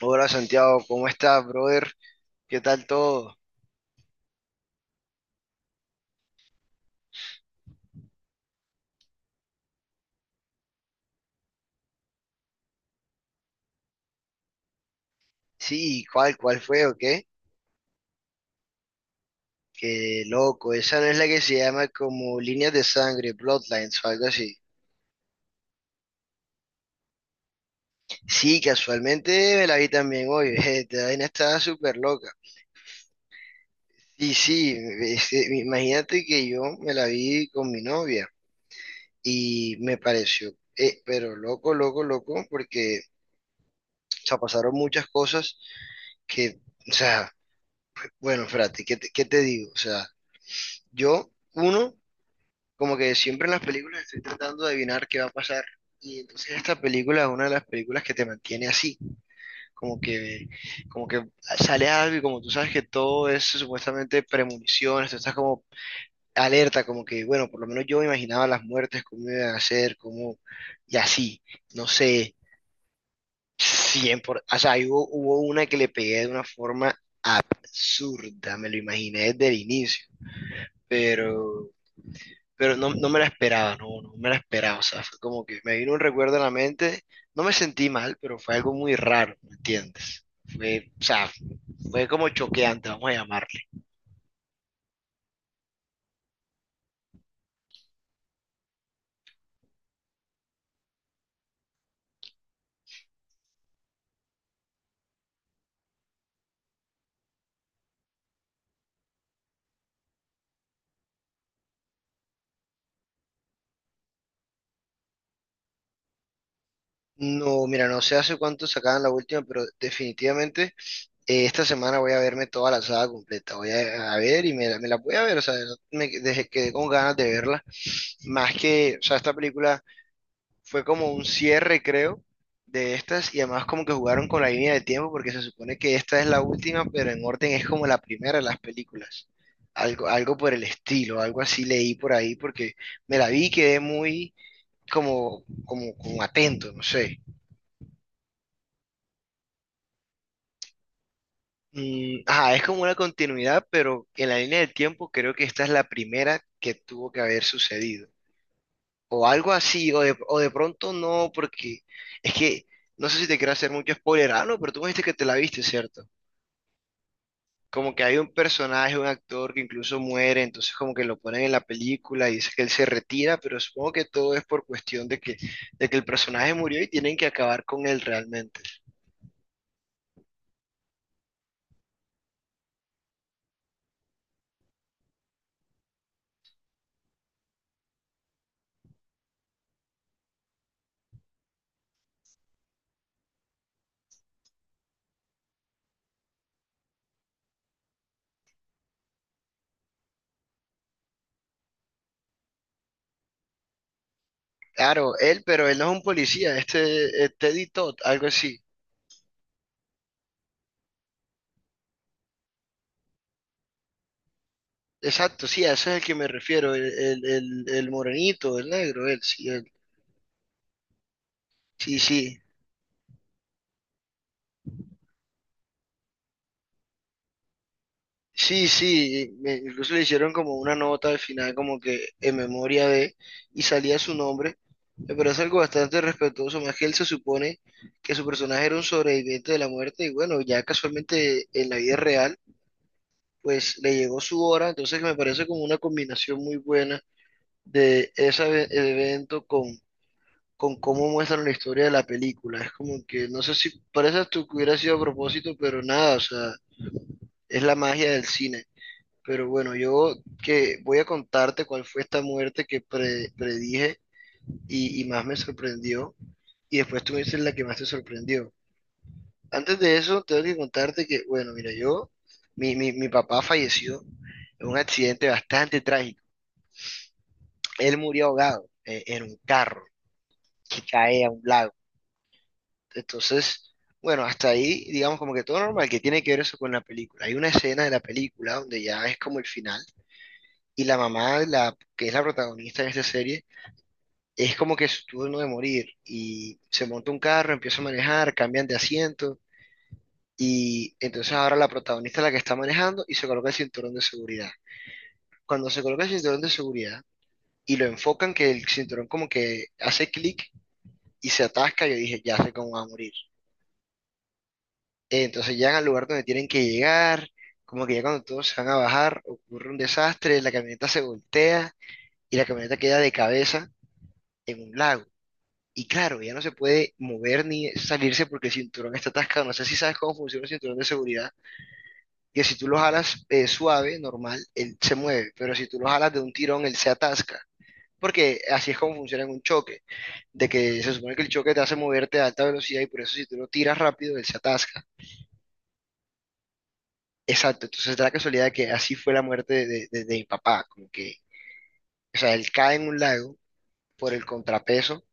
Hola Santiago, ¿cómo estás, brother? ¿Qué tal todo? Sí, ¿cuál fue o qué? Qué loco, esa no es la que se llama como líneas de sangre, bloodlines o algo así. Sí, casualmente me la vi también hoy, esta vaina estaba súper loca. Y sí, imagínate que yo me la vi con mi novia y me pareció, pero loco, loco, loco, porque, o sea, pasaron muchas cosas que, o sea, bueno, espérate, qué te digo? O sea, yo, uno... Como que siempre en las películas estoy tratando de adivinar qué va a pasar. Y entonces esta película es una de las películas que te mantiene así, como que, como que sale algo y como tú sabes que todo es supuestamente premoniciones, tú estás como alerta, como que, bueno, por lo menos yo me imaginaba las muertes, cómo iban a ser, cómo, y así, no sé, o sea, ahí hubo una que le pegué de una forma zurda, me lo imaginé desde el inicio, pero pero no, no me la esperaba, no, no me la esperaba, o sea, fue como que me vino un recuerdo a la mente, no me sentí mal, pero fue algo muy raro, ¿me entiendes? Fue, o sea, fue como choqueante, vamos a llamarle. No, mira, no sé hace cuánto sacaban la última, pero definitivamente esta semana voy a verme toda la saga completa, a ver y me la voy a ver, o sea, me dejé, quedé con ganas de verla, más que, o sea, esta película fue como un cierre, creo, de estas y además como que jugaron con la línea de tiempo porque se supone que esta es la última, pero en orden es como la primera de las películas. Algo, algo por el estilo, algo así leí por ahí porque me la vi y quedé muy como atento, no sé. Mm, ajá, es como una continuidad, pero en la línea de tiempo creo que esta es la primera que tuvo que haber sucedido. O algo así, o de pronto no, porque es que no sé si te quiero hacer mucho spoiler, ah, no, pero tú me dijiste que te la viste, ¿cierto? Como que hay un personaje, un actor que incluso muere, entonces como que lo ponen en la película y dice que él se retira, pero supongo que todo es por cuestión de que el personaje murió y tienen que acabar con él realmente. Claro, él, pero él no es un policía, Teddy Todd, algo así. Exacto, sí, a ese es el que me refiero, el morenito, el negro, él. Sí, sí. Sí, sí, incluso le hicieron como una nota al final, como que en memoria de, y salía su nombre. Me parece algo bastante respetuoso, más que él se supone que su personaje era un sobreviviente de la muerte, y bueno, ya casualmente en la vida real, pues le llegó su hora, entonces me parece como una combinación muy buena de ese evento con cómo muestran la historia de la película. Es como que, no sé si parece hasta que hubiera sido a propósito, pero nada, o sea, es la magia del cine. Pero bueno, yo que voy a contarte cuál fue esta muerte que predije y más me sorprendió. Y después tú me dices la que más te sorprendió. Antes de eso, tengo que contarte que, bueno, mira, yo, mi papá falleció en un accidente bastante trágico. Él murió ahogado en un carro que cae a un lago. Entonces, bueno, hasta ahí, digamos como que todo normal, que tiene que ver eso con la película. Hay una escena de la película donde ya es como el final y la mamá, la, que es la protagonista de esta serie, es como que su turno de morir y se monta un carro, empieza a manejar, cambian de asiento y entonces ahora la protagonista es la que está manejando y se coloca el cinturón de seguridad. Cuando se coloca el cinturón de seguridad y lo enfocan que el cinturón como que hace clic y se atasca, yo dije, ya sé cómo va a morir. Entonces llegan al lugar donde tienen que llegar, como que ya cuando todos se van a bajar ocurre un desastre, la camioneta se voltea y la camioneta queda de cabeza en un lago. Y claro, ella no se puede mover ni salirse porque el cinturón está atascado. No sé si sabes cómo funciona el cinturón de seguridad, que si tú lo jalas suave, normal, él se mueve, pero si tú lo jalas de un tirón, él se atasca. Porque así es como funciona en un choque, de que se supone que el choque te hace moverte a alta velocidad y por eso si tú lo tiras rápido, él se atasca. Exacto, entonces da la casualidad de que así fue la muerte de, de mi papá, como que, o sea, él cae en un lago por el contrapeso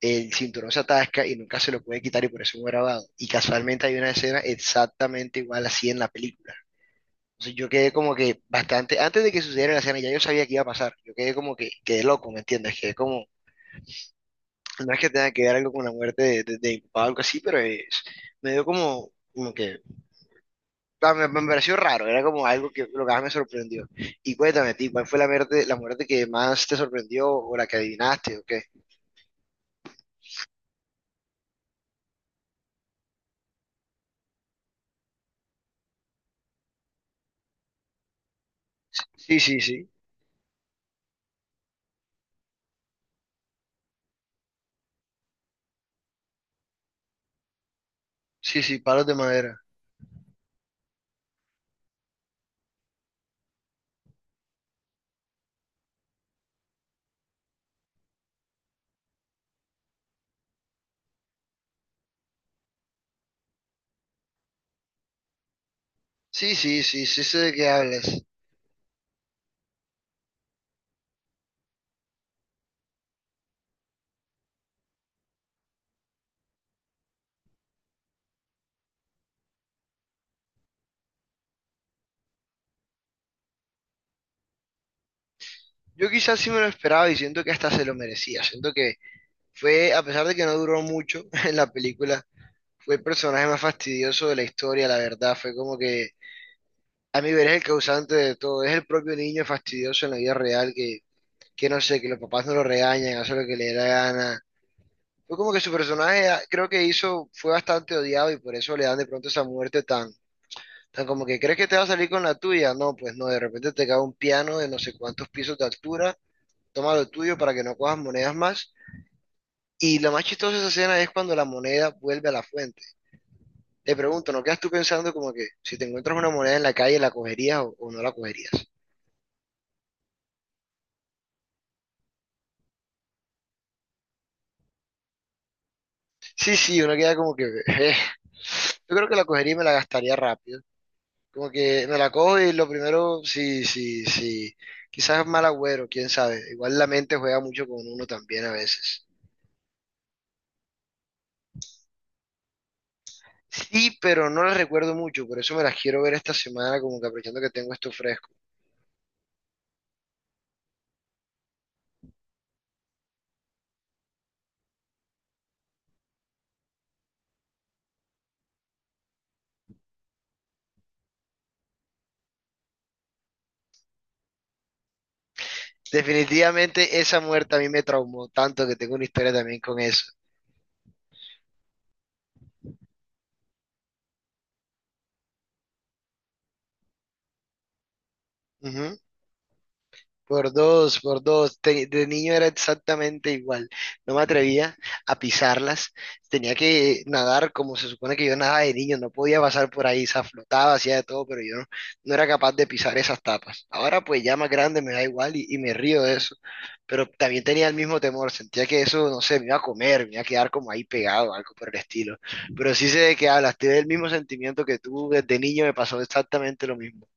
el cinturón se atasca y nunca se lo puede quitar y por eso es fue grabado. Y casualmente hay una escena exactamente igual así en la película. Entonces yo quedé como que bastante, antes de que sucediera la escena ya yo sabía que iba a pasar. Yo quedé como que, quedé loco, ¿me entiendes? Quedé como, no es que tenga que ver algo con la muerte de, de mi papá o algo así, pero me dio como, como que, me pareció raro, era como algo que lo que más me sorprendió. Y cuéntame, a ti, ¿cuál fue la muerte que más te sorprendió o la que adivinaste o qué? Sí, sí, sí, sí, sí, palos de madera. Sí, sí, sí, sí sé de qué hablas. Yo quizás sí me lo esperaba y siento que hasta se lo merecía. Siento que fue, a pesar de que no duró mucho en la película, fue el personaje más fastidioso de la historia, la verdad. Fue como que, a mi ver, es el causante de todo. Es el propio niño fastidioso en la vida real que no sé, que los papás no lo regañan, hace lo que le da la gana. Fue como que su personaje, ah, creo que hizo, fue bastante odiado y por eso le dan de pronto esa muerte tan, tan como que, ¿crees que te va a salir con la tuya? No, pues no, de repente te cae un piano de no sé cuántos pisos de altura toma lo tuyo para que no cojas monedas más. Y lo más chistoso de esa escena es cuando la moneda vuelve a la fuente. Te pregunto, ¿no quedas tú pensando como que si te encuentras una moneda en la calle, la cogerías o no la cogerías? Sí, sí, uno queda como que... Yo creo que la cogería y me la gastaría rápido. Como que me la cojo y lo primero, sí, sí, sí. Quizás es mal agüero, quién sabe. Igual la mente juega mucho con uno también a veces. Sí, pero no las recuerdo mucho, por eso me las quiero ver esta semana, como que aprovechando que tengo esto fresco. Definitivamente esa muerte a mí me traumó tanto que tengo una historia también con eso. Ujú. Por dos, por dos. De niño era exactamente igual. No me atrevía a pisarlas. Tenía que nadar como se supone que yo nadaba de niño. No podía pasar por ahí. Se flotaba, hacía de todo, pero yo no, no era capaz de pisar esas tapas. Ahora pues ya más grande me da igual y me río de eso. Pero también tenía el mismo temor. Sentía que eso, no sé, me iba a comer, me iba a quedar como ahí pegado, algo por el estilo. Pero sí sé de qué hablas. Tuve el mismo sentimiento que tú. Desde niño me pasó exactamente lo mismo.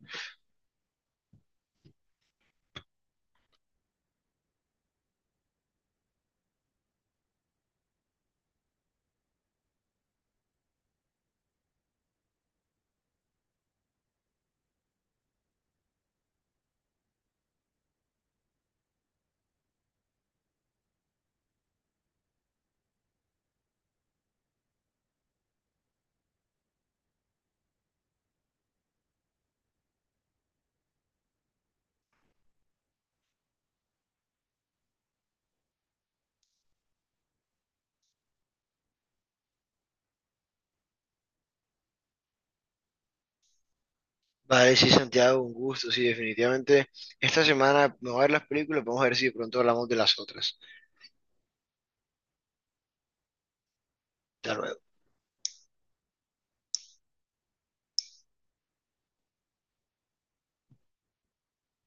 Vale, sí, Santiago, un gusto, sí, definitivamente. Esta semana me voy a ver las películas, vamos a ver si de pronto hablamos de las otras. Hasta luego.